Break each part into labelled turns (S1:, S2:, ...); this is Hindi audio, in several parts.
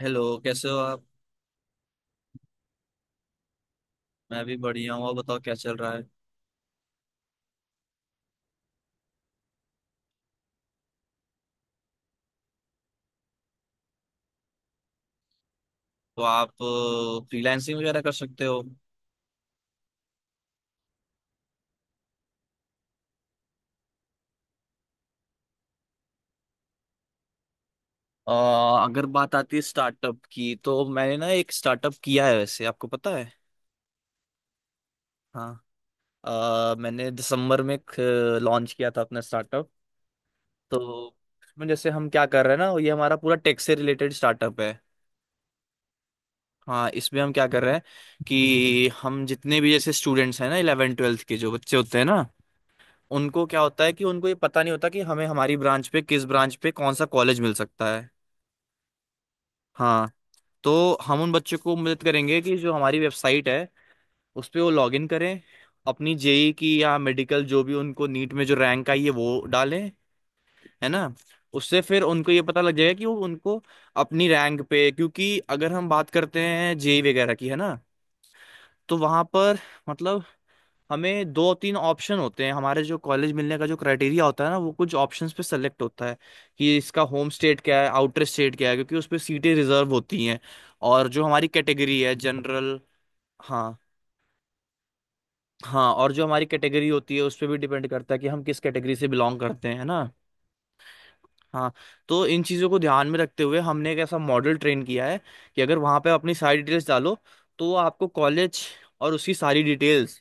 S1: हेलो कैसे हो आप। मैं भी बढ़िया हूँ। और बताओ क्या चल रहा है। तो आप फ्रीलांसिंग वगैरह कर सकते हो। अ, अगर बात आती है स्टार्टअप की तो मैंने ना एक स्टार्टअप किया है, वैसे आपको पता है। हाँ। मैंने दिसंबर में लॉन्च किया था अपना स्टार्टअप। तो इसमें जैसे हम क्या कर रहे हैं ना, ये हमारा पूरा टेक से रिलेटेड स्टार्टअप है। हाँ, इसमें हम क्या कर रहे हैं कि हम जितने भी जैसे स्टूडेंट्स हैं ना, इलेवन ट्वेल्थ के जो बच्चे होते हैं ना, उनको क्या होता है कि उनको ये पता नहीं होता कि हमें हमारी ब्रांच पे किस ब्रांच पे कौन सा कॉलेज मिल सकता है। हाँ, तो हम उन बच्चों को मदद करेंगे कि जो हमारी वेबसाइट है उस पे वो लॉगिन करें, अपनी जेई की या मेडिकल जो भी उनको नीट में जो रैंक आई है वो डालें, है ना। उससे फिर उनको ये पता लग जाएगा कि वो उनको अपनी रैंक पे, क्योंकि अगर हम बात करते हैं जेई वगैरह की, है ना, तो वहां पर मतलब हमें दो तीन ऑप्शन होते हैं, हमारे जो कॉलेज मिलने का जो क्राइटेरिया होता है ना, वो कुछ ऑप्शंस पे सेलेक्ट होता है कि इसका होम स्टेट क्या है, आउटर स्टेट क्या है, क्योंकि उस पे सीटें रिजर्व होती हैं। और जो हमारी कैटेगरी है जनरल। हाँ। हाँ, और जो हमारी कैटेगरी होती है उस पे भी डिपेंड करता है कि हम किस कैटेगरी से बिलोंग करते हैं, है ना। हाँ, तो इन चीज़ों को ध्यान में रखते हुए हमने एक ऐसा मॉडल ट्रेन किया है कि अगर वहाँ पे अपनी सारी डिटेल्स डालो, तो वो आपको कॉलेज और उसकी सारी डिटेल्स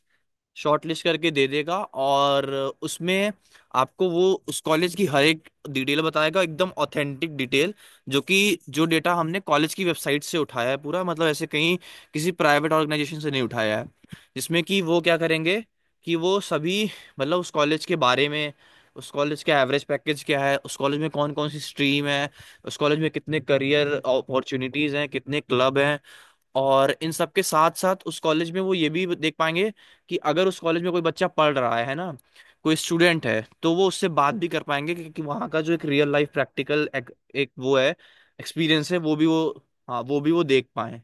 S1: शॉर्टलिस्ट करके दे देगा। और उसमें आपको वो उस कॉलेज की हर एक डिटेल बताएगा, एकदम ऑथेंटिक डिटेल, जो कि जो डेटा हमने कॉलेज की वेबसाइट से उठाया है पूरा, मतलब ऐसे कहीं किसी प्राइवेट ऑर्गेनाइजेशन से नहीं उठाया है। जिसमें कि वो क्या करेंगे कि वो सभी, मतलब उस कॉलेज के बारे में, उस कॉलेज का एवरेज पैकेज क्या है, उस कॉलेज में कौन कौन सी स्ट्रीम है, उस कॉलेज में कितने करियर अपॉर्चुनिटीज हैं, कितने क्लब हैं। और इन सब के साथ साथ उस कॉलेज में वो ये भी देख पाएंगे कि अगर उस कॉलेज में कोई बच्चा पढ़ रहा है ना, कोई स्टूडेंट है, तो वो उससे बात भी कर पाएंगे। क्योंकि वहाँ का जो एक रियल लाइफ प्रैक्टिकल एक वो है, एक्सपीरियंस है, वो भी वो, हाँ वो भी वो देख पाए।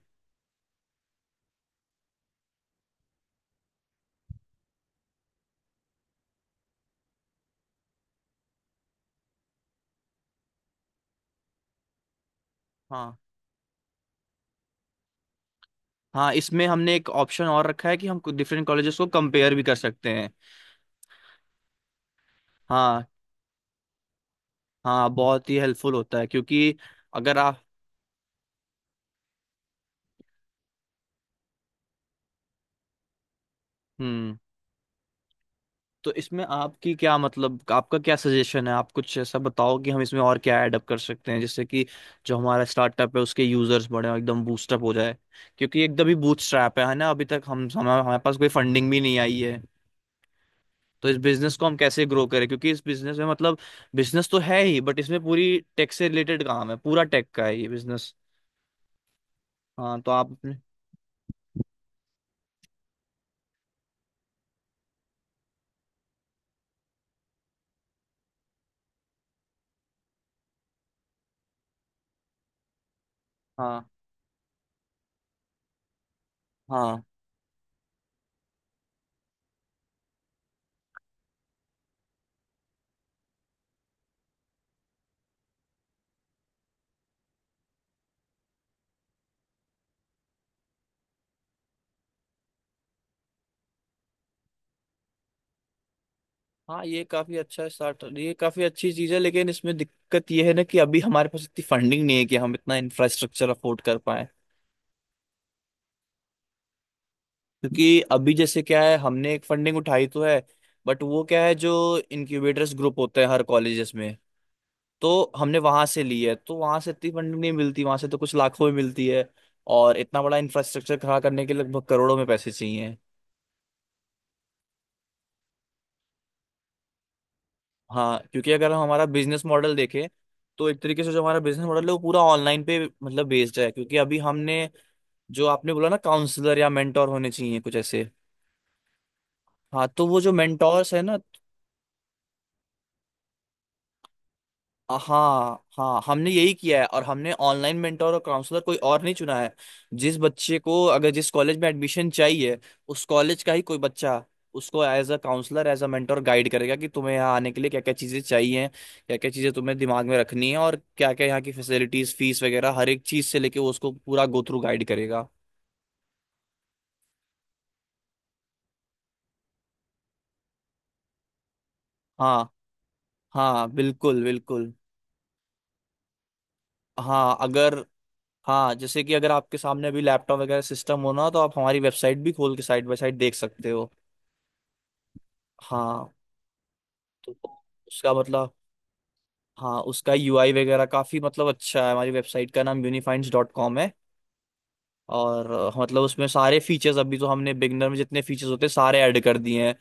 S1: हाँ, हाँ इसमें हमने एक ऑप्शन और रखा है कि हम डिफरेंट कॉलेजेस को कंपेयर भी कर सकते हैं। हाँ। हाँ, बहुत ही हेल्पफुल होता है क्योंकि अगर आप। हम्म। तो इसमें आपकी क्या, मतलब आपका क्या सजेशन है, आप कुछ ऐसा बताओ कि हम इसमें और क्या ऐड अप कर सकते हैं, जिससे कि जो हमारा स्टार्टअप है उसके यूजर्स बढ़े और एकदम बूस्टअप हो जाए। क्योंकि एकदम ही बूटस्ट्रैप है ना, अभी तक हम हमारे हमारे पास कोई फंडिंग भी नहीं आई है। तो इस बिजनेस को हम कैसे ग्रो करें, क्योंकि इस बिजनेस में मतलब बिजनेस तो है ही, बट इसमें पूरी टेक से रिलेटेड काम है, पूरा टेक का है ये बिजनेस। हाँ तो आप अपने। हाँ हाँ। हाँ, ये काफी अच्छा स्टार्ट, ये काफी अच्छी चीज है, लेकिन इसमें दिक्कत ये है ना कि अभी हमारे पास इतनी फंडिंग नहीं है कि हम इतना इंफ्रास्ट्रक्चर अफोर्ड कर पाए। क्योंकि अभी जैसे क्या है, हमने एक फंडिंग उठाई तो है, बट वो क्या है जो इनक्यूबेटर्स ग्रुप होते हैं हर कॉलेजेस में, तो हमने वहां से ली है। तो वहां से इतनी फंडिंग नहीं मिलती, वहां से तो कुछ लाखों में मिलती है। और इतना बड़ा इंफ्रास्ट्रक्चर खड़ा करने के लिए लगभग करोड़ों में पैसे चाहिए। हाँ, क्योंकि अगर हम हमारा बिजनेस मॉडल देखें, तो एक तरीके से जो हमारा बिजनेस मॉडल है वो पूरा ऑनलाइन पे मतलब बेस्ड है। क्योंकि अभी हमने जो आपने बोला ना काउंसलर या मेंटोर होने चाहिए कुछ ऐसे। हाँ, तो वो जो मेंटोर्स है ना। हाँ हाँ, हमने यही किया है। और हमने ऑनलाइन मेंटोर और काउंसलर कोई और नहीं चुना है। जिस बच्चे को अगर जिस कॉलेज में एडमिशन चाहिए, उस कॉलेज का ही कोई बच्चा उसको as a counsellor as a mentor guide करेगा कि तुम्हें यहाँ आने के लिए क्या क्या चीज़ें चाहिए, क्या क्या चीज़ें तुम्हें दिमाग में रखनी है, और क्या क्या यहाँ की फैसिलिटीज फीस वगैरह, हर एक चीज़ से लेके वो उसको पूरा गो थ्रू गाइड करेगा। हाँ, हाँ बिल्कुल बिल्कुल। हाँ अगर। हाँ, जैसे कि अगर आपके सामने अभी लैपटॉप वगैरह सिस्टम हो ना, तो आप हमारी वेबसाइट भी खोल के साइड बाय साइड देख सकते हो। हाँ, तो उसका मतलब, हाँ उसका यूआई वगैरह काफी मतलब अच्छा है। हमारी वेबसाइट का नाम यूनिफाइंड्स डॉट कॉम है। और मतलब उसमें सारे फीचर्स अभी तो हमने बिगनर में जितने फीचर्स होते हैं सारे ऐड कर दिए हैं।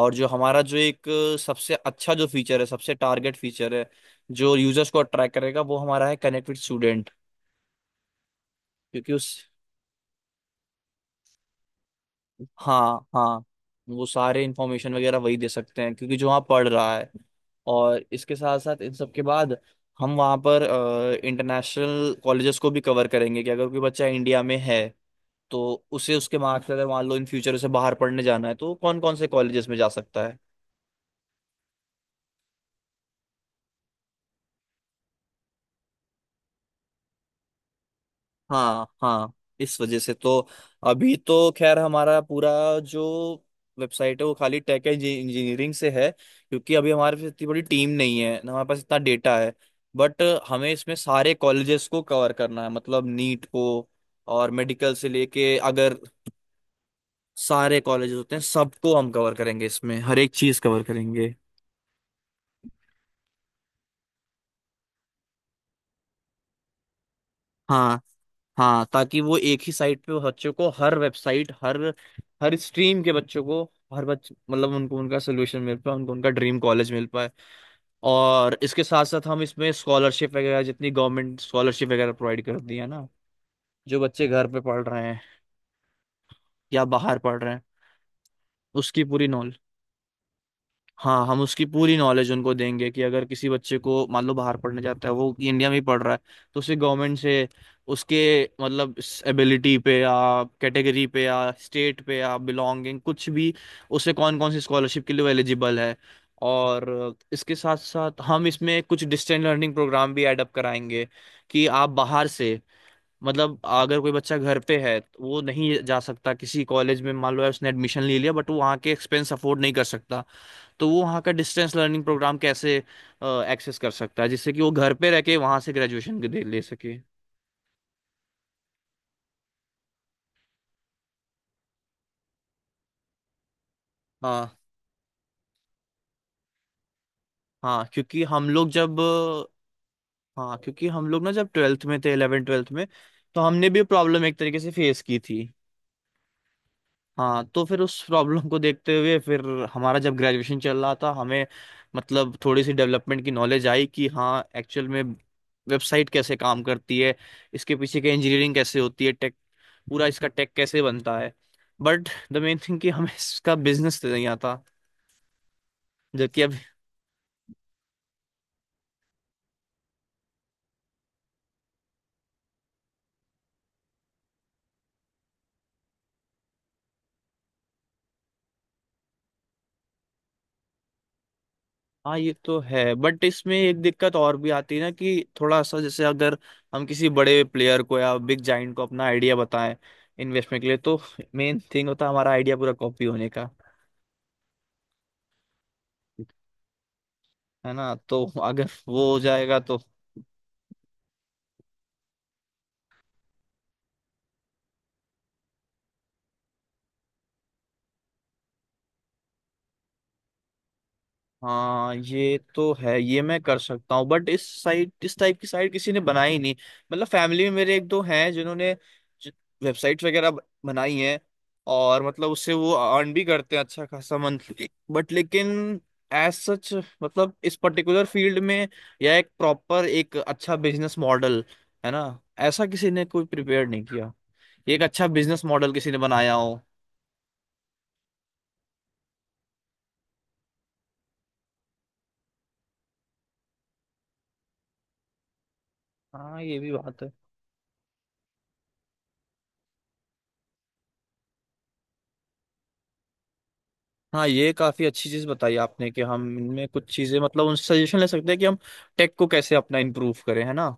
S1: और जो हमारा जो एक सबसे अच्छा जो फीचर है, सबसे टारगेट फीचर है, जो यूजर्स को अट्रैक्ट करेगा, वो हमारा है कनेक्ट विद स्टूडेंट। क्योंकि उस, हाँ हाँ, वो सारे इंफॉर्मेशन वगैरह वही दे सकते हैं क्योंकि जो वहाँ पढ़ रहा है। और इसके साथ साथ इन सब के बाद हम वहाँ पर इंटरनेशनल कॉलेजेस को भी कवर करेंगे कि अगर कोई बच्चा इंडिया में है, तो उसे उसके मार्क्स अगर मान लो इन फ्यूचर उसे बाहर पढ़ने जाना है, तो कौन कौन से कॉलेजेस में जा सकता है। हाँ हाँ, इस वजह से तो अभी तो खैर हमारा पूरा जो वेबसाइट है वो खाली टेक इंजीनियरिंग से है, क्योंकि अभी हमारे पास इतनी बड़ी टीम नहीं है ना, हमारे पास इतना डेटा है। बट हमें इसमें सारे कॉलेजेस को कवर करना है, मतलब नीट को और मेडिकल से लेके अगर सारे कॉलेजेस होते हैं सबको हम कवर करेंगे, इसमें हर एक चीज कवर करेंगे। हाँ, हाँ ताकि वो एक ही साइट पे बच्चों को हर वेबसाइट, हर हर स्ट्रीम के बच्चों को, हर बच्चे, मतलब उनको उनका सोल्यूशन मिल पाए, उनको उनका ड्रीम कॉलेज मिल पाए। और इसके साथ साथ हम इसमें स्कॉलरशिप वगैरह जितनी गवर्नमेंट स्कॉलरशिप वगैरह प्रोवाइड कर दी, है ना, जो बच्चे घर पे पढ़ रहे हैं या बाहर पढ़ रहे हैं, उसकी पूरी नॉलेज। हाँ, हम उसकी पूरी नॉलेज उनको देंगे कि अगर किसी बच्चे को मान लो बाहर पढ़ने जाता है, वो इंडिया में ही पढ़ रहा है, तो उसे गवर्नमेंट से उसके मतलब एबिलिटी पे या कैटेगरी पे या स्टेट पे या बिलोंगिंग कुछ भी, उसे कौन कौन सी स्कॉलरशिप के लिए एलिजिबल है। और इसके साथ साथ हम इसमें कुछ डिस्टेंस लर्निंग प्रोग्राम भी ऐड अप कराएंगे कि आप बाहर से, मतलब अगर कोई बच्चा घर पे है तो वो नहीं जा सकता किसी कॉलेज में, मान लो है उसने एडमिशन ले लिया बट वो वहाँ के एक्सपेंस अफोर्ड नहीं कर सकता, तो वो वहाँ का डिस्टेंस लर्निंग प्रोग्राम कैसे एक्सेस कर सकता है, जिससे कि वो घर पे रह के वहाँ से ग्रेजुएशन दे ले सके। हाँ। हाँ क्योंकि हम लोग जब, हाँ क्योंकि हम लोग ना जब ट्वेल्थ में थे, इलेवन ट्वेल्थ में, तो हमने भी प्रॉब्लम एक तरीके से फेस की थी। हाँ, तो फिर उस प्रॉब्लम को देखते हुए फिर हमारा जब ग्रेजुएशन चल रहा था, हमें मतलब थोड़ी सी डेवलपमेंट की नॉलेज आई कि हाँ एक्चुअल में वेबसाइट कैसे काम करती है, इसके पीछे की इंजीनियरिंग कैसे होती है, पूरा इसका टेक कैसे बनता है। बट द मेन थिंग कि हमें इसका बिजनेस नहीं आता। जबकि अब, हाँ ये तो है, बट इसमें एक दिक्कत और भी आती है ना कि थोड़ा सा जैसे अगर हम किसी बड़े प्लेयर को या बिग जाइंट को अपना आइडिया बताएं इन्वेस्टमेंट के लिए, तो मेन थिंग होता है हमारा आइडिया पूरा कॉपी होने का। है ना, तो अगर वो हो जाएगा तो। हाँ ये तो है, ये मैं कर सकता हूँ, बट इस साइट इस टाइप की साइट किसी ने बनाई नहीं। मतलब फैमिली में मेरे एक दो हैं जिन्होंने वेबसाइट वगैरह बनाई हैं, और मतलब उससे वो अर्न भी करते हैं अच्छा खासा मंथली बट। लेकिन एज सच मतलब इस पर्टिकुलर फील्ड में या एक प्रॉपर एक अच्छा बिजनेस मॉडल, है ना, ऐसा किसी ने कोई प्रिपेयर नहीं किया, एक अच्छा बिजनेस मॉडल किसी ने बनाया हो। हाँ ये भी बात है। हाँ ये काफी अच्छी चीज बताई आपने कि हम इनमें कुछ चीजें, मतलब उनसे सजेशन ले सकते हैं कि हम टेक को कैसे अपना इम्प्रूव करें, है ना।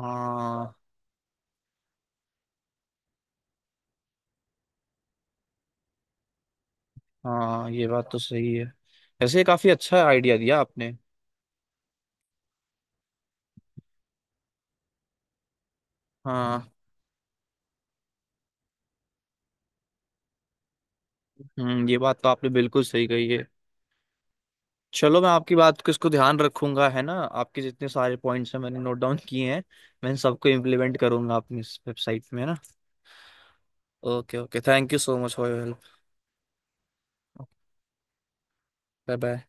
S1: हाँ। हाँ ये बात तो सही है। वैसे ये काफी अच्छा आइडिया दिया आपने। हाँ। हम्म, ये बात तो आपने बिल्कुल सही कही है। चलो मैं आपकी बात को इसको ध्यान रखूंगा, है ना, आपके जितने सारे पॉइंट्स हैं मैंने नोट डाउन किए हैं। मैं इन सबको इम्प्लीमेंट करूंगा अपनी इस वेबसाइट में, है ना। Okay okay, thank you so much for your help. Bye bye.